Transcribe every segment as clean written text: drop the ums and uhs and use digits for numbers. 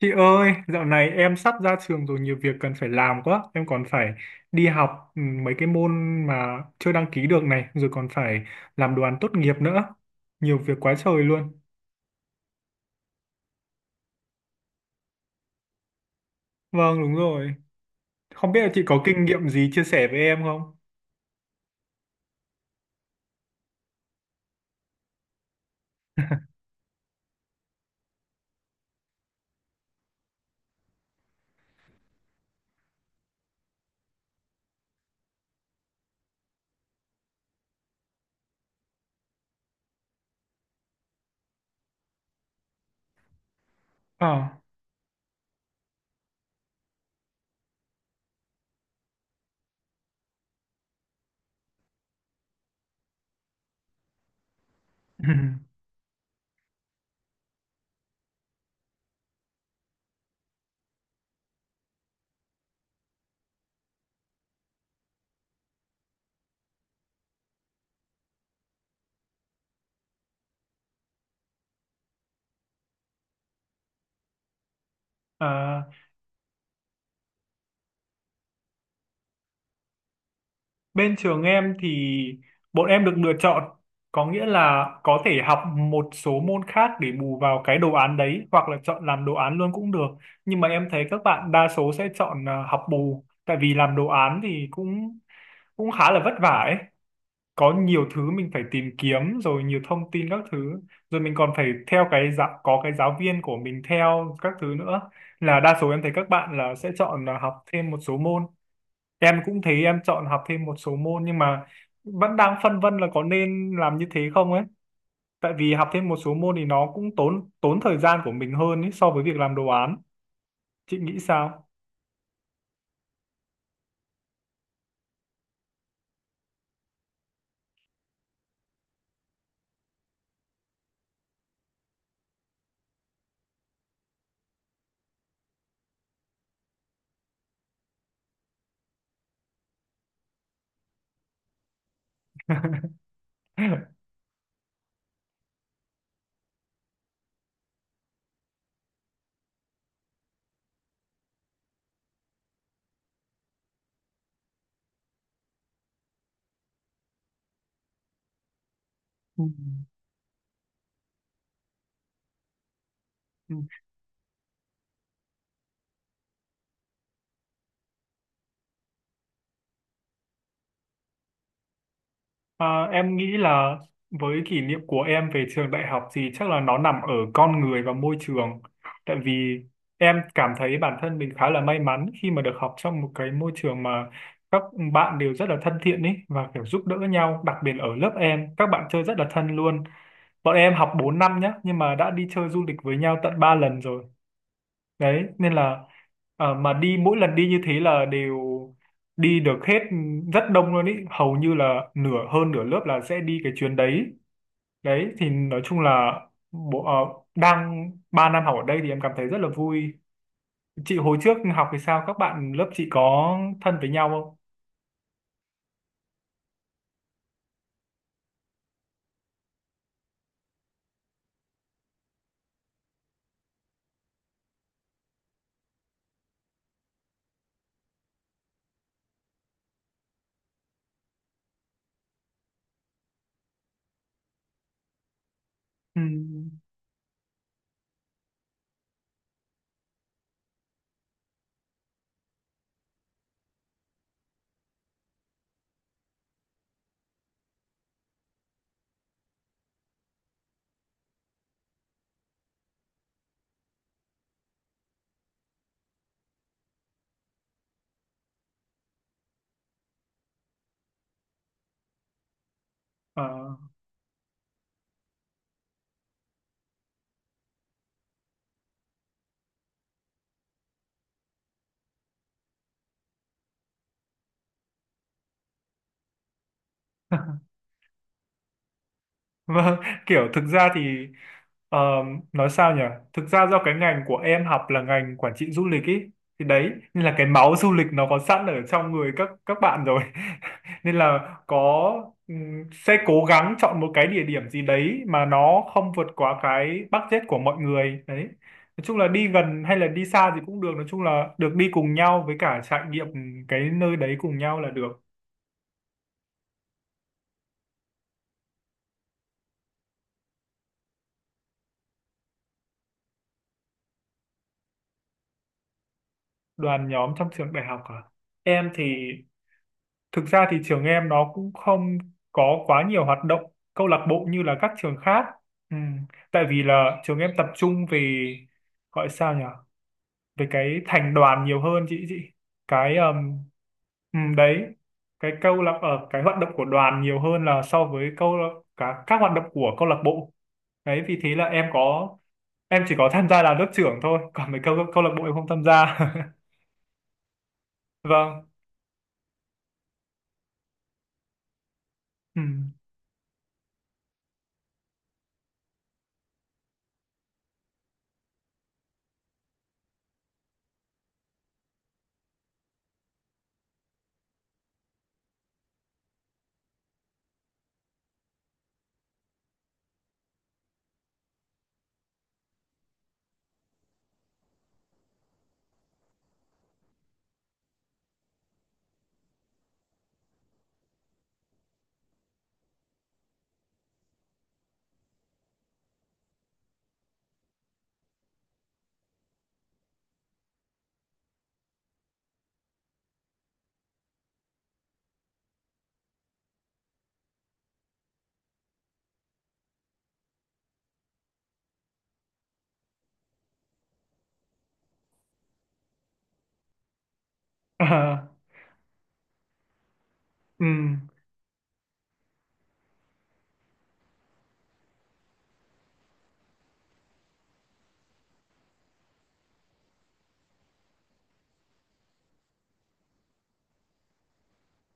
Chị ơi, dạo này em sắp ra trường rồi nhiều việc cần phải làm quá. Em còn phải đi học mấy cái môn mà chưa đăng ký được này, rồi còn phải làm đoàn tốt nghiệp nữa. Nhiều việc quá trời luôn. Vâng, đúng rồi. Không biết là chị có kinh nghiệm gì chia sẻ với em không? Ờ. À, bên trường em thì bọn em được lựa chọn, có nghĩa là có thể học một số môn khác để bù vào cái đồ án đấy hoặc là chọn làm đồ án luôn cũng được. Nhưng mà em thấy các bạn đa số sẽ chọn à, học bù, tại vì làm đồ án thì cũng cũng khá là vất vả ấy. Có nhiều thứ mình phải tìm kiếm rồi nhiều thông tin các thứ, rồi mình còn phải theo cái giáo viên của mình theo các thứ nữa, là đa số em thấy các bạn là sẽ chọn là học thêm một số môn. Em cũng thấy em chọn học thêm một số môn nhưng mà vẫn đang phân vân là có nên làm như thế không ấy. Tại vì học thêm một số môn thì nó cũng tốn tốn thời gian của mình hơn ấy, so với việc làm đồ án. Chị nghĩ sao? Ừ. À, em nghĩ là với kỷ niệm của em về trường đại học thì chắc là nó nằm ở con người và môi trường. Tại vì em cảm thấy bản thân mình khá là may mắn khi mà được học trong một cái môi trường mà các bạn đều rất là thân thiện ấy và kiểu giúp đỡ nhau, đặc biệt ở lớp em, các bạn chơi rất là thân luôn. Bọn em học 4 năm nhá, nhưng mà đã đi chơi du lịch với nhau tận 3 lần rồi đấy, nên là mà đi mỗi lần đi như thế là đều đi được hết, rất đông luôn ý, hầu như là nửa hơn nửa lớp là sẽ đi cái chuyến đấy. Đấy thì nói chung là bộ đang 3 năm học ở đây thì em cảm thấy rất là vui. Chị hồi trước học thì sao, các bạn lớp chị có thân với nhau không? Ừ. Ờ. Vâng, kiểu thực ra thì ờ, nói sao nhỉ? Thực ra do cái ngành của em học là ngành quản trị du lịch ý, thì đấy nên là cái máu du lịch nó có sẵn ở trong người các bạn rồi. Nên là có sẽ cố gắng chọn một cái địa điểm gì đấy mà nó không vượt quá cái budget của mọi người đấy. Nói chung là đi gần hay là đi xa thì cũng được, nói chung là được đi cùng nhau với cả trải nghiệm cái nơi đấy cùng nhau là được. Đoàn nhóm trong trường đại học à? Em thì thực ra thì trường em nó cũng không có quá nhiều hoạt động câu lạc bộ như là các trường khác. Ừ. Tại vì là trường em tập trung về, gọi sao nhỉ? Về cái thành đoàn nhiều hơn chị. Cái đấy, cái câu lạc ở cái hoạt động của đoàn nhiều hơn là so với câu lạc- cả các hoạt động của câu lạc bộ. Đấy vì thế là em có, em chỉ có tham gia là lớp trưởng thôi, còn mấy câu câu lạc bộ em không tham gia. Vâng. Ừm. À, ừm.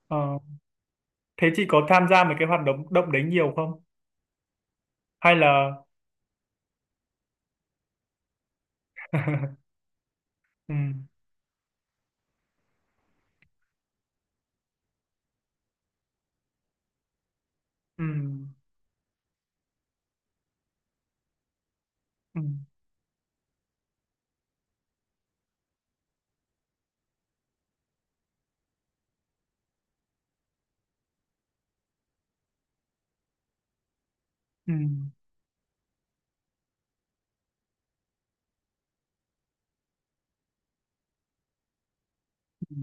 Ờ. Thế chị có tham gia mấy cái hoạt động động đấy nhiều không? Hay là ừ, ừ, ừ, ừ, ừ.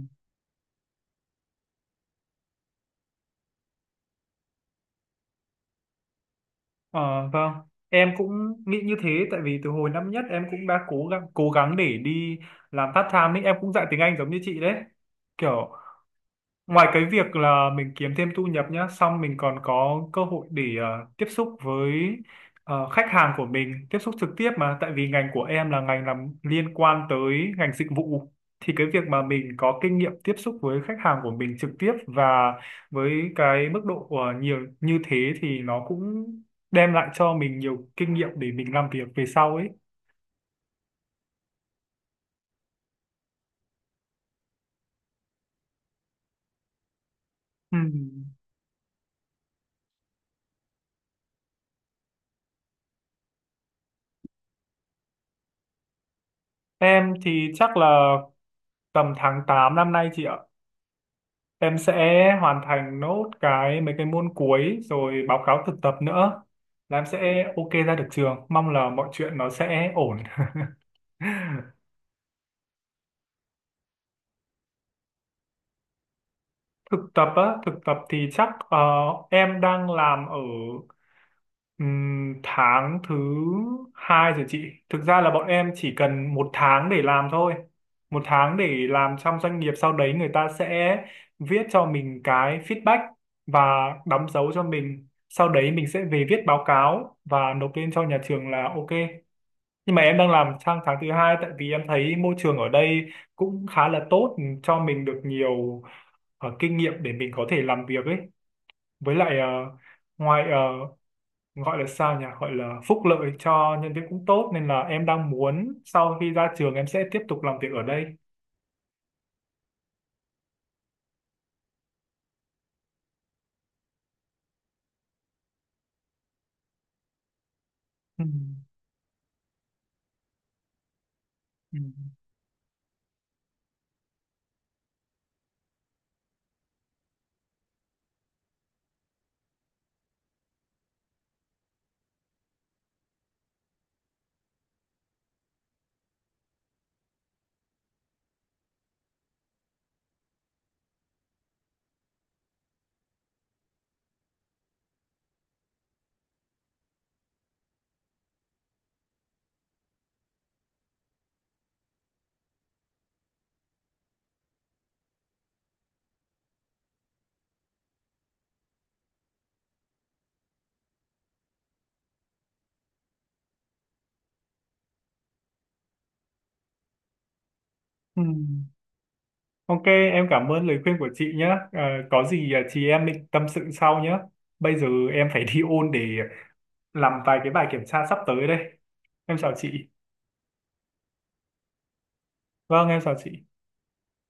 Ờ, vâng, em cũng nghĩ như thế, tại vì từ hồi năm nhất em cũng đã cố gắng để đi làm part time ấy, em cũng dạy tiếng Anh giống như chị đấy. Kiểu ngoài cái việc là mình kiếm thêm thu nhập nhá, xong mình còn có cơ hội để ờ, tiếp xúc với ờ, khách hàng của mình, tiếp xúc trực tiếp mà, tại vì ngành của em là ngành làm liên quan tới ngành dịch vụ. Thì cái việc mà mình có kinh nghiệm tiếp xúc với khách hàng của mình trực tiếp và với cái mức độ của nhiều như thế thì nó cũng đem lại cho mình nhiều kinh nghiệm để mình làm việc về sau ấy. Ừm. Em thì chắc là tầm tháng 8 năm nay chị ạ. Em sẽ hoàn thành nốt cái mấy cái môn cuối rồi báo cáo thực tập nữa là em sẽ ok ra được trường, mong là mọi chuyện nó sẽ ổn. Thực tập á, thực tập thì chắc ờ, em đang làm ở tháng thứ hai rồi chị. Thực ra là bọn em chỉ cần một tháng để làm thôi, một tháng để làm trong doanh nghiệp, sau đấy người ta sẽ viết cho mình cái feedback và đóng dấu cho mình, sau đấy mình sẽ về viết báo cáo và nộp lên cho nhà trường là ok. Nhưng mà em đang làm sang tháng thứ hai tại vì em thấy môi trường ở đây cũng khá là tốt, cho mình được nhiều ờ, kinh nghiệm để mình có thể làm việc ấy, với lại ờ, ngoài ờ, gọi là sao nhỉ, gọi là phúc lợi cho nhân viên cũng tốt, nên là em đang muốn sau khi ra trường em sẽ tiếp tục làm việc ở đây. Ừ. Ừ. Ừ. Ok em cảm ơn lời khuyên của chị nhé. Ờ, có gì ờ, chị em mình tâm sự sau nhé, bây giờ em phải đi ôn để làm vài cái bài kiểm tra sắp tới đây. Em chào chị. Vâng em chào chị.